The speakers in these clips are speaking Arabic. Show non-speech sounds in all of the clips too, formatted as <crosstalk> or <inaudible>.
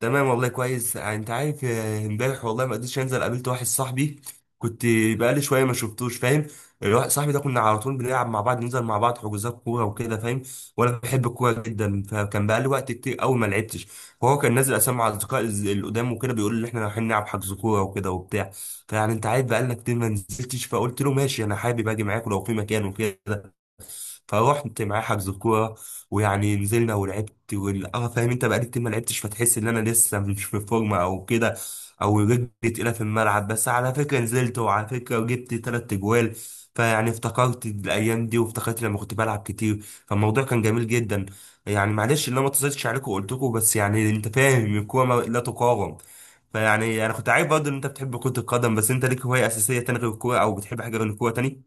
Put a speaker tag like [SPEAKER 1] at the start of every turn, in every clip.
[SPEAKER 1] تمام والله كويس، انت عارف. امبارح والله ما قدرتش انزل، قابلت واحد صاحبي كنت بقالي شويه ما شفتوش، فاهم. الواحد صاحبي ده كنا على طول بنلعب مع بعض، ننزل مع بعض حجوزات كوره وكده، فاهم. وانا بحب الكوره جدا، فكان بقالي وقت كتير قوي ما لعبتش. وهو كان نازل اسامي مع اصدقاء القدام وكده، بيقول لي احنا رايحين نلعب حجز كوره وكده وبتاع. فيعني انت عارف بقالنا كتير ما نزلتش، فقلت له ماشي انا حابب اجي معاك لو في مكان وكده. فروحت معاه حجز الكوره، ويعني نزلنا ولعبت، اه فاهم انت، بقالي كتير ما لعبتش، فتحس ان انا لسه مش في فورمه او كده، او رجلي تقيله في الملعب. بس على فكره نزلت، وعلى فكره جبت تلات اجوال. فيعني افتكرت الايام دي، وافتكرت لما كنت بلعب كتير، فالموضوع كان جميل جدا. يعني معلش ان انا ما اتصلتش عليكم وقلت لكم، بس يعني انت فاهم الكوره لا تقاوم. فيعني انا كنت عارف برضه ان انت بتحب كرة القدم، بس انت ليك هواية اساسية تاني غير الكورة، او بتحب حاجة غير الكورة تاني.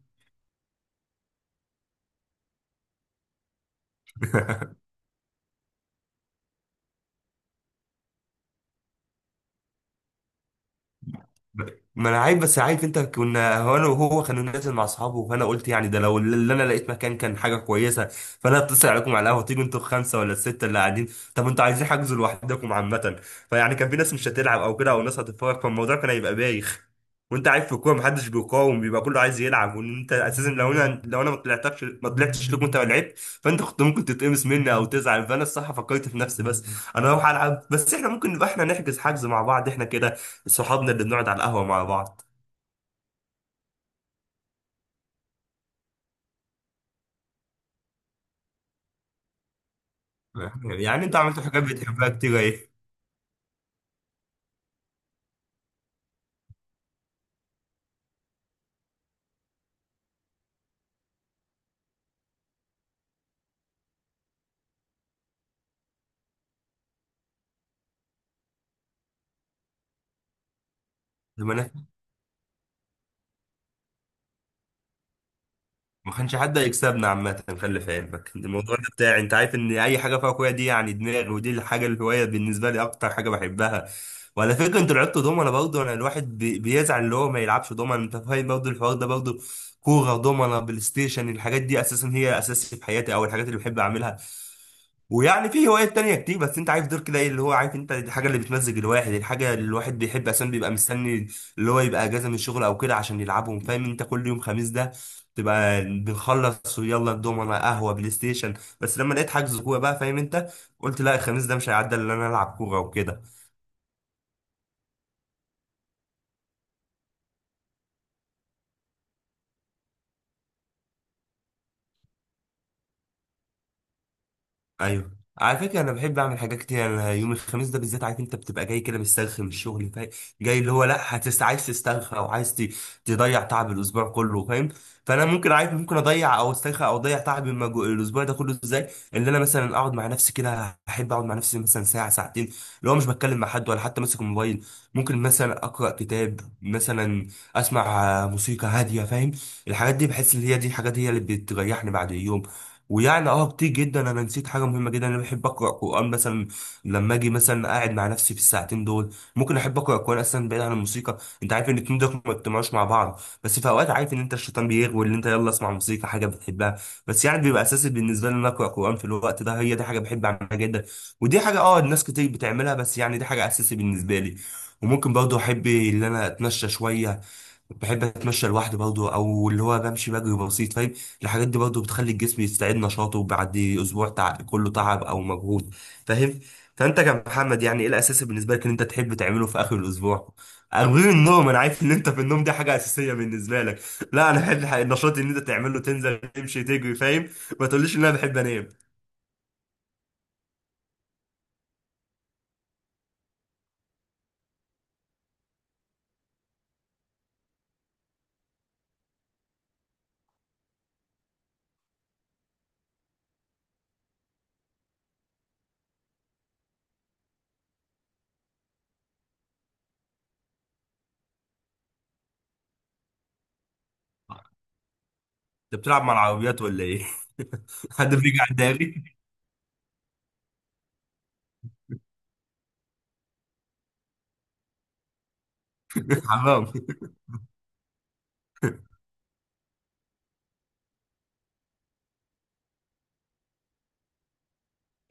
[SPEAKER 1] <laughs> ب- ما انا عارف، بس عارف انت كنا، هو انا وهو كانوا نازل مع اصحابه، فانا قلت يعني ده لو اللي انا لقيت مكان كان حاجه كويسه. فانا اتصل عليكم على القهوه تيجوا انتوا الخمسه ولا السته اللي قاعدين، طب انتوا عايزين حجزوا لوحدكم عامه. فيعني كان في ناس مش هتلعب او كده، او ناس هتتفرج، فالموضوع كان هيبقى بايخ. وانت عارف في الكوره محدش بيقاوم، بيبقى كله عايز يلعب. وان انت اساسا لو انا لو انا ما طلعتكش، ما طلعتش لكم، انت ما لعبت، فانت كنت ممكن تتقمص مني او تزعل. فانا الصراحه فكرت في نفسي، بس انا اروح العب، بس احنا ممكن نبقى احنا نحجز حجز مع بعض احنا كده، صحابنا اللي بنقعد على القهوة مع بعض. <laughs> يعني انت عملت حاجات بتحبها كتير، ايه. لما انا، ما كانش حد هيكسبنا عامة، خلي في علمك الموضوع ده بتاعي. انت عارف ان اي حاجة فيها كورة دي يعني دماغي، ودي الحاجة، الهواية بالنسبة لي اكتر حاجة بحبها. وعلى فكرة انتوا لعبتوا دومنا برضه، انا الواحد بيزعل اللي هو ما يلعبش دومنا، انت فاهم برضه الحوار ده برضه. كورة، دومنا، بلاي ستيشن، الحاجات دي اساسا هي اساسي في حياتي، او الحاجات اللي بحب اعملها. ويعني في هوايات تانية كتير، بس انت عارف دول كده ايه، اللي هو عارف انت الحاجة اللي بتمزج الواحد، الحاجة اللي الواحد بيحب اصلا بيبقى مستني اللي هو يبقى اجازة من الشغل او كده عشان يلعبهم، فاهم انت. كل يوم خميس ده تبقى بنخلص ويلا الدومنة، قهوة، بلاي ستيشن. بس لما لقيت حجز كورة بقى، فاهم انت، قلت لا الخميس ده مش هيعدي الا ان انا العب كورة وكده. ايوه، على فكره انا بحب اعمل حاجات كتير. يعني انا يوم الخميس ده بالذات عارف انت بتبقى جاي كده مسترخي من الشغل، فاهم. جاي اللي هو لا، هتس عايز تسترخي او عايز تضيع تعب الاسبوع كله، فاهم. فانا ممكن عارف، ممكن اضيع او استرخي او اضيع تعب الاسبوع ده كله ازاي. اللي انا مثلا اقعد مع نفسي كده، احب اقعد مع نفسي مثلا ساعه ساعتين، اللي هو مش بتكلم مع حد ولا حتى ماسك الموبايل. ممكن مثلا اقرا كتاب مثلا، اسمع موسيقى هاديه، فاهم. الحاجات دي بحس ان هي دي الحاجات، هي اللي بتريحني بعد اليوم. ويعني كتير جدا، انا نسيت حاجه مهمه جدا، انا بحب اقرا قران مثلا. لما اجي مثلا قاعد مع نفسي في الساعتين دول، ممكن احب اقرا قران، اصلا بعيد عن الموسيقى. انت عارف ان الاتنين دول ما بيجتمعوش مع بعض، بس في اوقات عارف ان انت الشيطان بيغوي اللي انت يلا اسمع موسيقى حاجه بتحبها. بس يعني بيبقى اساسي بالنسبه لي ان أنا اقرا قران في الوقت ده، هي دي حاجه بحب اعملها جدا. ودي حاجه الناس كتير بتعملها، بس يعني دي حاجه اساسي بالنسبه لي. وممكن برضه احب ان انا اتمشى شويه، بحب اتمشى لوحدي برضه، او اللي هو بمشي بجري بسيط، فاهم. الحاجات دي برضه بتخلي الجسم يستعيد نشاطه بعد اسبوع كله تعب او مجهود، فاهم. فانت كمحمد يعني ايه الاساسي بالنسبه لك ان انت تحب تعمله في اخر الاسبوع؟ غير النوم، انا عارف ان انت في النوم دي حاجه اساسيه بالنسبه لك، لا، انا بحب النشاط اللي انت تعمله، تنزل تمشي تجري، فاهم. ما تقوليش ان انا بحب انام. انت بتلعب مع العربيات ولا ايه؟ <laughs> حد بيجي على الداري. <laughs> حرام.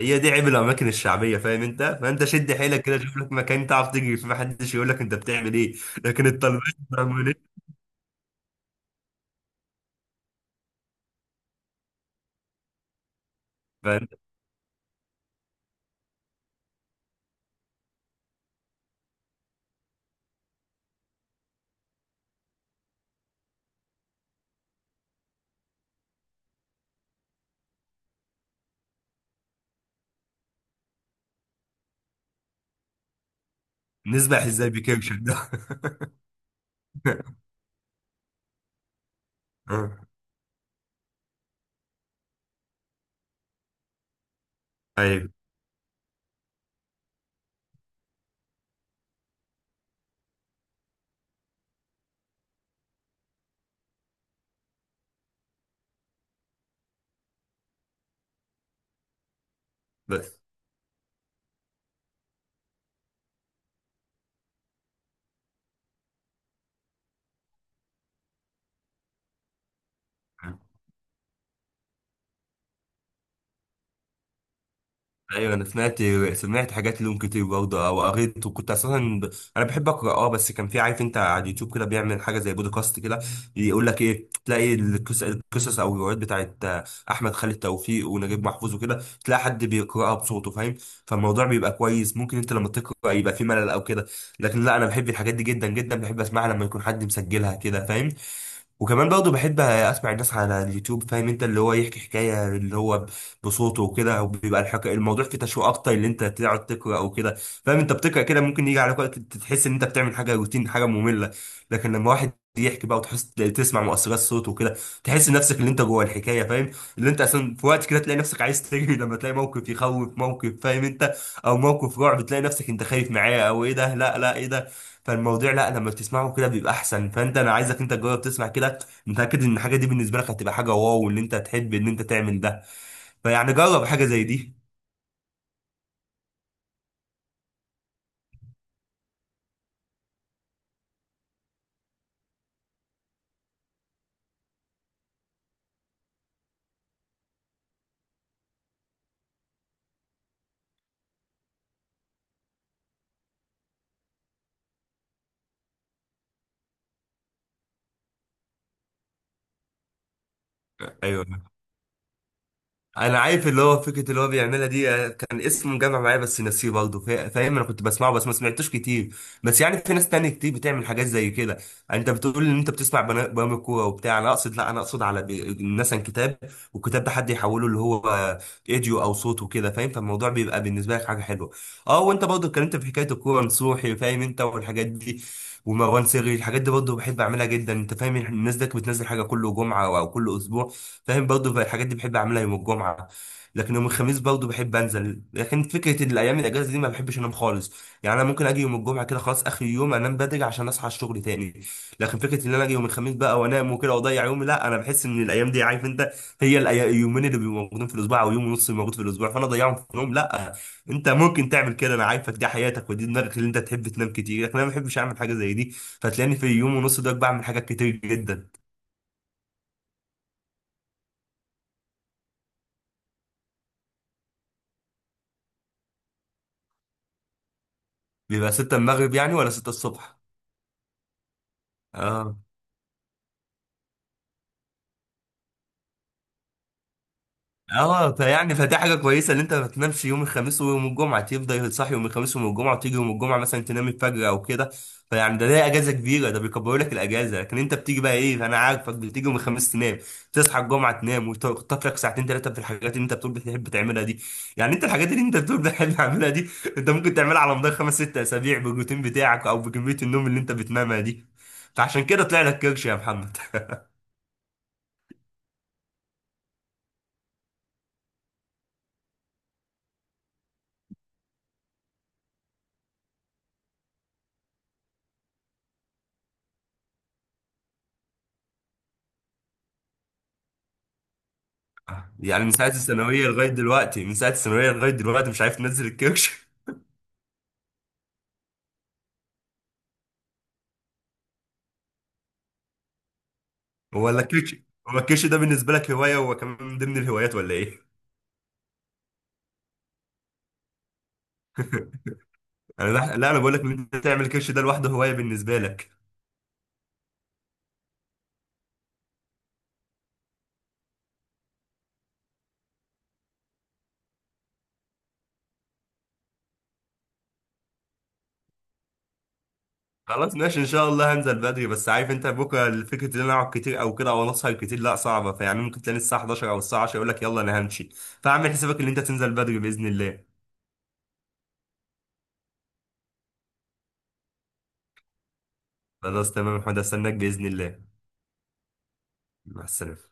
[SPEAKER 1] هي دي عيب الاماكن الشعبيه، فاهم انت. فانت شد حيلك كده، شوف لك مكان تعرف تجري فيه محدش يقول لك انت بتعمل ايه. لكن الطلبات بيعملوا ايه؟ فانت نسبح ازاي بكرش ده؟ <laughs> ايوه. بس ايوه، انا سمعت، سمعت حاجات لهم كتير برضه او قريت، وكنت اساسا انا بحب اقرا، بس كان في، عارف انت على اليوتيوب كده بيعمل حاجه زي بودكاست كده، يقول لك ايه، تلاقي القصص، او الروايات بتاعت احمد خالد توفيق ونجيب محفوظ وكده، تلاقي حد بيقراها بصوته، فاهم. فالموضوع بيبقى كويس. ممكن انت لما تقرا يبقى في ملل او كده، لكن لا انا بحب الحاجات دي جدا جدا، بحب اسمعها لما يكون حد مسجلها كده، فاهم. وكمان برضه بحب اسمع الناس على اليوتيوب، فاهم انت، اللي هو يحكي حكايه اللي هو بصوته وكده، او بيبقى الموضوع فيه تشويق اكتر، اللي انت تقعد تقرا او كده، فاهم. انت بتقرا كده ممكن يجي عليك وقت تحس ان انت بتعمل حاجه روتين، حاجه ممله. لكن لما واحد يحكي بقى، وتحس تسمع مؤثرات صوته وكده، تحس نفسك اللي انت جوه الحكايه، فاهم. اللي انت اصلا في وقت كده تلاقي نفسك عايز تجري لما تلاقي موقف يخوف، موقف فاهم انت، او موقف رعب، تلاقي نفسك انت خايف معاه، او ايه ده لا لا ايه ده. فالموضوع لا، لما بتسمعه كده بيبقى احسن. فانت انا عايزك انت تجرب تسمع كده، متاكد ان الحاجه دي بالنسبه لك هتبقى حاجه واو، وان انت تحب ان انت تعمل ده. فيعني جرب حاجه زي دي. ايوه، انا عارف اللي هو فكره اللي هو بيعملها دي، كان اسمه مجمع معايا بس نسيه برضه، فاهم، انا كنت بسمعه بس ما سمعتوش كتير. بس يعني في ناس تانية كتير بتعمل حاجات زي كده. يعني انت بتقول ان انت بتسمع برامج كوره وبتاع، انا اقصد لا، انا اقصد على مثلا كتاب، والكتاب ده حد يحوله اللي هو فيديو او صوت وكده، فاهم. فالموضوع بيبقى بالنسبه لك حاجه حلوه. اه وانت برضه اتكلمت في حكايه الكوره، نصوحي فاهم انت والحاجات دي، ومروان سري، الحاجات دي برضه بحب اعملها جدا انت فاهم. الناس دي بتنزل حاجه كل جمعه او كل اسبوع، فاهم، برضه الحاجات دي بحب اعملها يوم الجمعه. لكن يوم الخميس برضه بحب انزل، لكن فكره إن الايام الاجازه دي ما بحبش انام خالص. يعني انا ممكن اجي يوم الجمعه كده خلاص اخر يوم انام بدري عشان اصحى الشغل تاني. لكن فكره ان انا اجي يوم الخميس بقى وانام وكده واضيع يومي، لا، انا بحس ان الايام دي عارف انت، هي اليومين اللي بيبقوا موجودين في الاسبوع، او يوم ونص اللي موجود في الاسبوع، فانا اضيعهم في نوم، لا. انت ممكن تعمل كده، انا عارفك دي حياتك ودي دماغك اللي انت تحب تنام كتير، لكن انا ما بحبش اعمل حاجه زي دي. فتلاقيني في يوم ونص ده بعمل حاجات كتير جدا. بيبقى 6 المغرب يعني، ولا 6 الصبح؟ اه. اه فيعني فدي حاجه كويسه ان انت ما تنامش يوم الخميس ويوم الجمعه، تفضل تصحي يوم الخميس ويوم الجمعه، وتيجي يوم الجمعه مثلا تنام الفجر او كده. فيعني ده ليه اجازه كبيره، ده بيكبروا لك الاجازه. لكن انت بتيجي بقى ايه، انا عارفك بتيجي يوم الخميس تنام، تصحى الجمعه تنام، وتخطف لك ساعتين ثلاثه في الحاجات اللي انت بتقول بتحب تعملها دي. يعني انت الحاجات اللي انت بتقول بتحب تعملها دي، انت ممكن تعملها على مدار خمس ست اسابيع بالروتين بتاعك او بكميه النوم اللي انت بتنامها دي. فعشان كده طلع لك كرش يا محمد. يعني من ساعة الثانوية لغاية دلوقتي، من ساعة الثانوية لغاية دلوقتي مش عارف تنزل الكرش؟ <laughs> ولا الكرش، هو الكرش ده بالنسبة لك هواية، هو كمان من ضمن الهوايات ولا ايه؟ <laughs> لا، انا بقول لك ان انت تعمل الكرش ده لوحده هواية بالنسبة لك. خلاص ماشي، ان شاء الله هنزل بدري، بس عارف انت بكره فكرة ان انا اقعد كتير او كده، او انا اسهر كتير لا صعبة. فيعني ممكن تلاقي الساعة 11 او الساعة 10 يقول لك يلا انا همشي. فاعمل حسابك ان انت تنزل بدري بإذن الله. خلاص تمام يا محمد، استناك بإذن الله. مع السلامة.